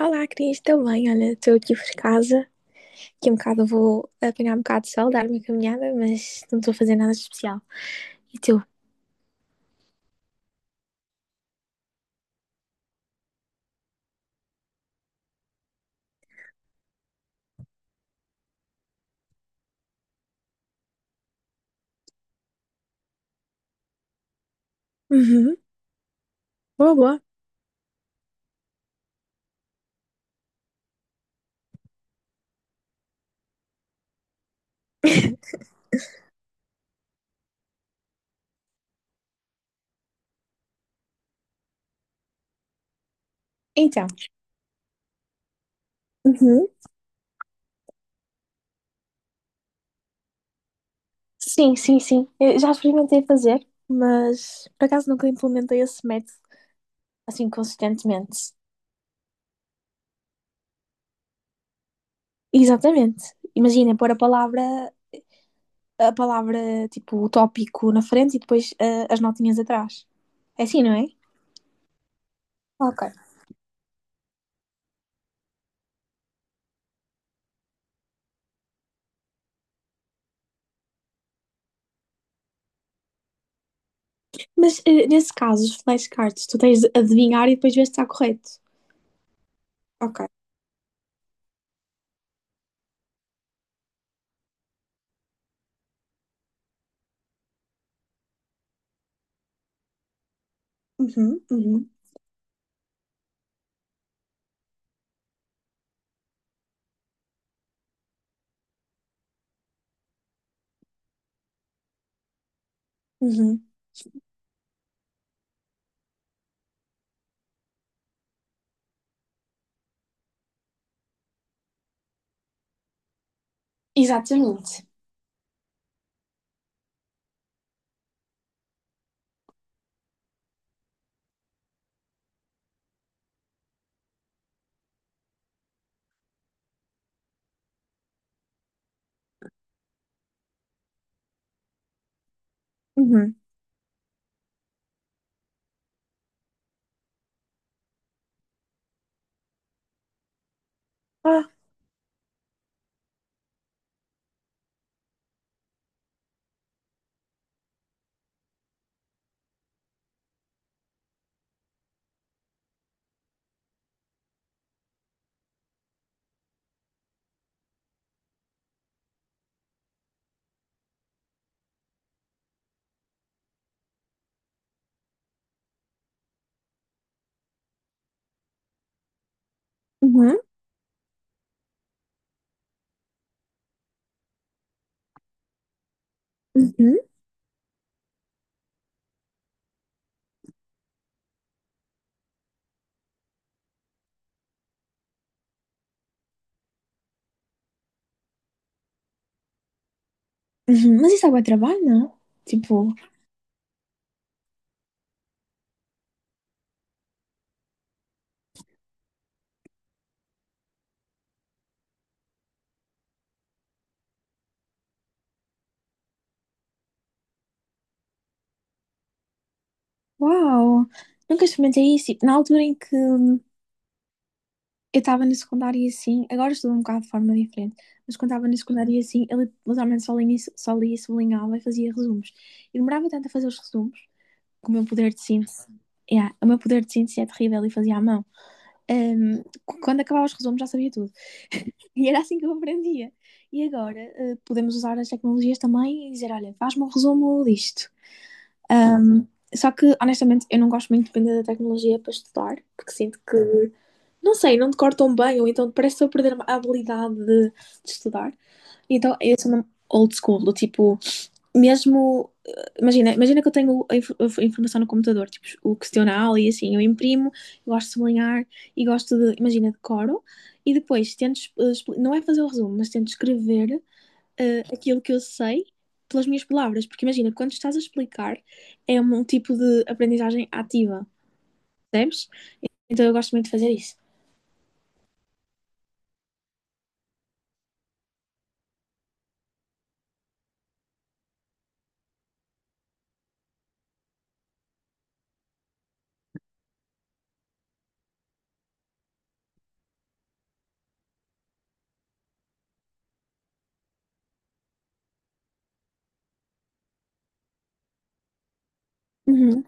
Olá, Cris, estou bem? Olha, estou aqui por casa. Daqui um bocado vou apanhar um bocado de sol, dar uma caminhada, mas não estou a fazer nada de especial. E tu? Uhum. Boa, boa. Então, uhum. Sim, sim, sim. Eu já experimentei fazer, mas por acaso nunca implementei esse método assim consistentemente. Exatamente. Imagina pôr a palavra, tipo, o tópico na frente e depois as notinhas atrás. É assim, não é? Ok. Mas nesse caso, os flashcards, tu tens de adivinhar e depois ver se está correto. Ok. Uhum, uhum, uhum. Exatamente. Uhum. Ah, uhum, uhum, uhum. Mas isso é bom trabalho, não? Tipo, uau, nunca experimentei isso. Tipo, na altura em que eu estava na secundária e assim, agora estudo um bocado de forma diferente, mas quando estava na secundária e assim, ele literalmente só lia, sublinhava e fazia resumos. E demorava tanto a fazer os resumos, que o meu poder de síntese, yeah, o meu poder de síntese é terrível e fazia à mão. Qu- quando acabava os resumos já sabia tudo. E era assim que eu aprendia. E agora, podemos usar as tecnologias também e dizer, olha, faz-me um resumo disto. Um, só que, honestamente, eu não gosto muito de depender da tecnologia para estudar, porque sinto que, não sei, não decoro tão bem, ou então parece que estou a perder a habilidade de estudar. Então, eu sou uma old school, do tipo, mesmo. Imagina, imagina que eu tenho a, inf- a informação no computador, tipo, o questionário e assim, eu imprimo, eu gosto de sublinhar e gosto de, imagina, decoro, e depois tento, es- expli- não é fazer o resumo, mas tento escrever aquilo que eu sei pelas minhas palavras. Porque imagina, quando estás a explicar, é um tipo de aprendizagem ativa, percebes? Então eu gosto muito de fazer isso. Uhum,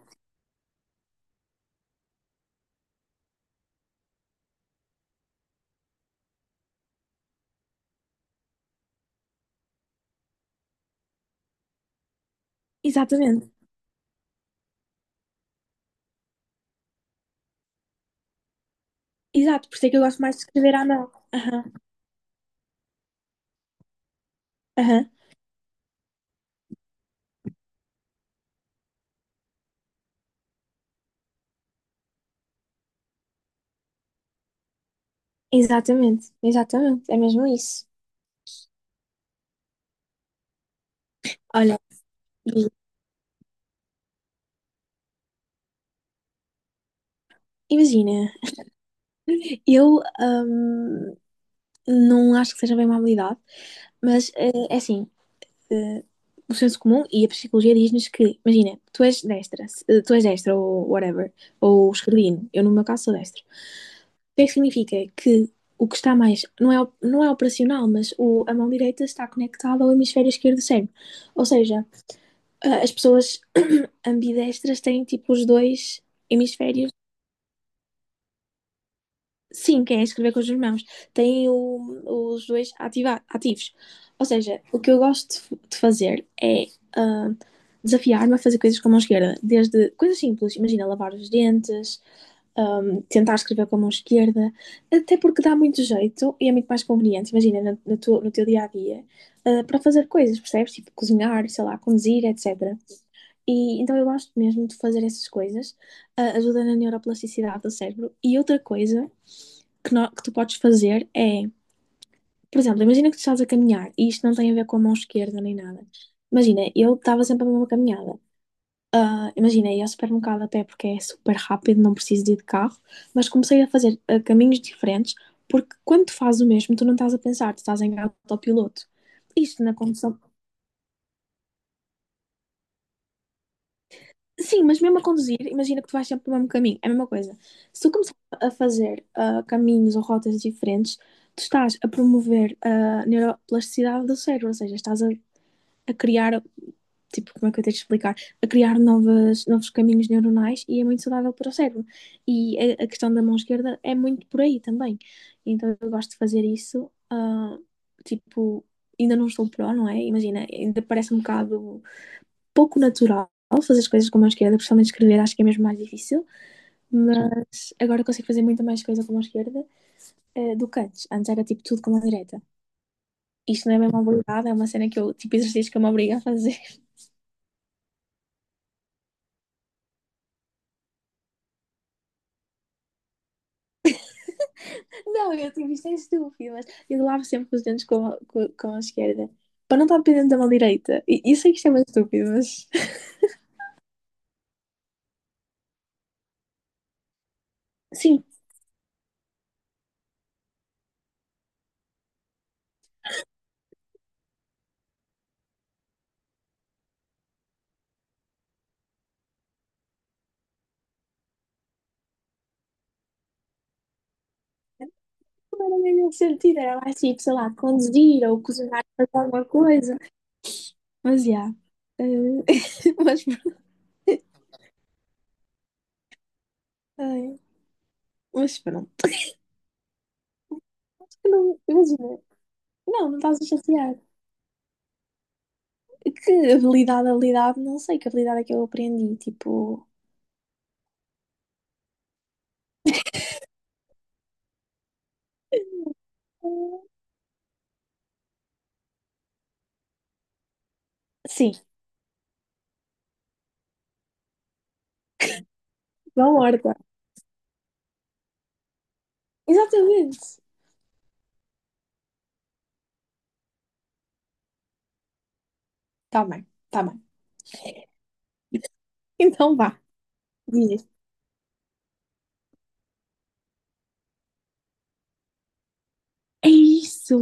exatamente. Exato, por isso é que eu gosto mais de escrever à mão. Aham, aham. Exatamente, exatamente. É mesmo isso. Olha, e- imagina, eu não acho que seja bem uma habilidade, mas é assim, eh, o senso comum e a psicologia diz-nos que, imagina, tu és destra, tu és destra ou whatever, ou esquerdino, eu no meu caso sou destra. O que é que significa? Que o que está mais, não é, não é operacional, mas o, a mão direita está conectada ao hemisfério esquerdo do cérebro. Ou seja, as pessoas ambidestras têm tipo os dois hemisférios. Sim, quem é escrever com as duas mãos. Tem o- os dois ativa- ativos. Ou seja, o que eu gosto de f- de fazer é ah, desafiar-me a fazer coisas com a mão esquerda. Desde coisas simples, imagina lavar os dentes, tentar escrever com a mão esquerda, até porque dá muito jeito e é muito mais conveniente, imagina, na- na tua- no teu dia a dia, para fazer coisas, percebes? Tipo cozinhar, sei lá, conduzir, etc. E então eu gosto mesmo de fazer essas coisas, ajuda na neuroplasticidade do cérebro. E outra coisa que, no- que tu podes fazer é, por exemplo, imagina que tu estás a caminhar, e isto não tem a ver com a mão esquerda nem nada. Imagina, eu estava sempre a mesma caminhada. Imagina, ia ao supermercado a pé porque é super rápido, não preciso de ir de carro, mas comecei a fazer caminhos diferentes porque quando tu fazes o mesmo, tu não estás a pensar, tu estás em autopiloto. Isto na condução. Sim, mas mesmo a conduzir, imagina que tu vais sempre pelo mesmo caminho, é a mesma coisa. Se tu começar a fazer caminhos ou rotas diferentes, tu estás a promover a neuroplasticidade do cérebro, ou seja, estás a criar, tipo, como é que eu tenho de explicar? A criar novas, novos caminhos neuronais e é muito saudável para o cérebro. E a questão da mão esquerda é muito por aí também. Então eu gosto de fazer isso, tipo, ainda não estou pró, não é? Imagina, ainda parece um bocado pouco natural fazer as coisas com a mão esquerda, principalmente escrever, acho que é mesmo mais difícil, mas agora consigo fazer muito mais coisa com a mão esquerda do que antes. Antes era tipo tudo com a mão direita. Isto não é bem uma habilidade, é uma cena que eu, tipo, exercício que eu me obrigo a fazer. Não, eu tipo, isto é estúpido, mas eu lavo sempre os dentes com a esquerda, para não estar dependendo da mão direita. E eu sei que isto é muito estúpido, mas sim, não era mesmo sentido, era mais tipo, sei lá, conduzir ou cozinhar fazer alguma coisa, mas já. Eh, mas pronto. Ai, mas pronto, que não, imagina, não, não estás a chatear. Que habilidade, habilidade, não sei que habilidade é que eu aprendi. Tipo, sim, da horta. Exatamente. Tá bem, tá bem. Então vá, diz. É isso,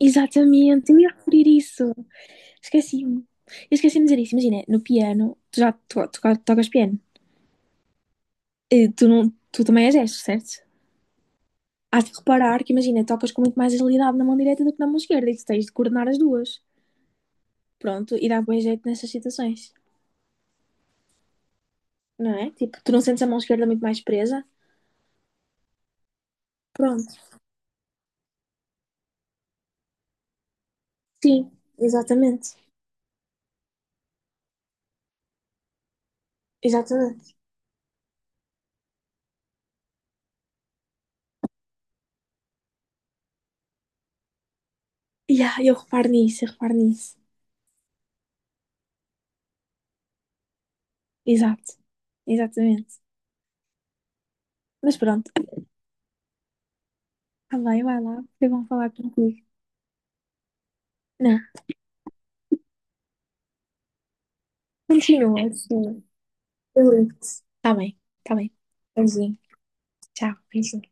exatamente. Eu ia referir isso. Esqueci-me. Eu esqueci-me de dizer isso. Imagina, no piano, tu já to to- tocas piano. Eh, tu, não, tu também és destro, certo? Hás de reparar que, imagina, tocas com muito mais agilidade na mão direita do que na mão esquerda e tu tens de coordenar as duas. Pronto, e dá bom jeito nessas situações, não é? Tipo, tu não sentes a mão esquerda muito mais presa? Pronto, sim, exatamente, exatamente. E eu reparo nisso, eu reparo nisso. Exato, exatamente. Mas pronto, tá bem, vai lá, foi bom falar contigo. Não, continua, continua. Eu ligo-te. Tá bem, tá bem. Beijinho, tchau, beijinho.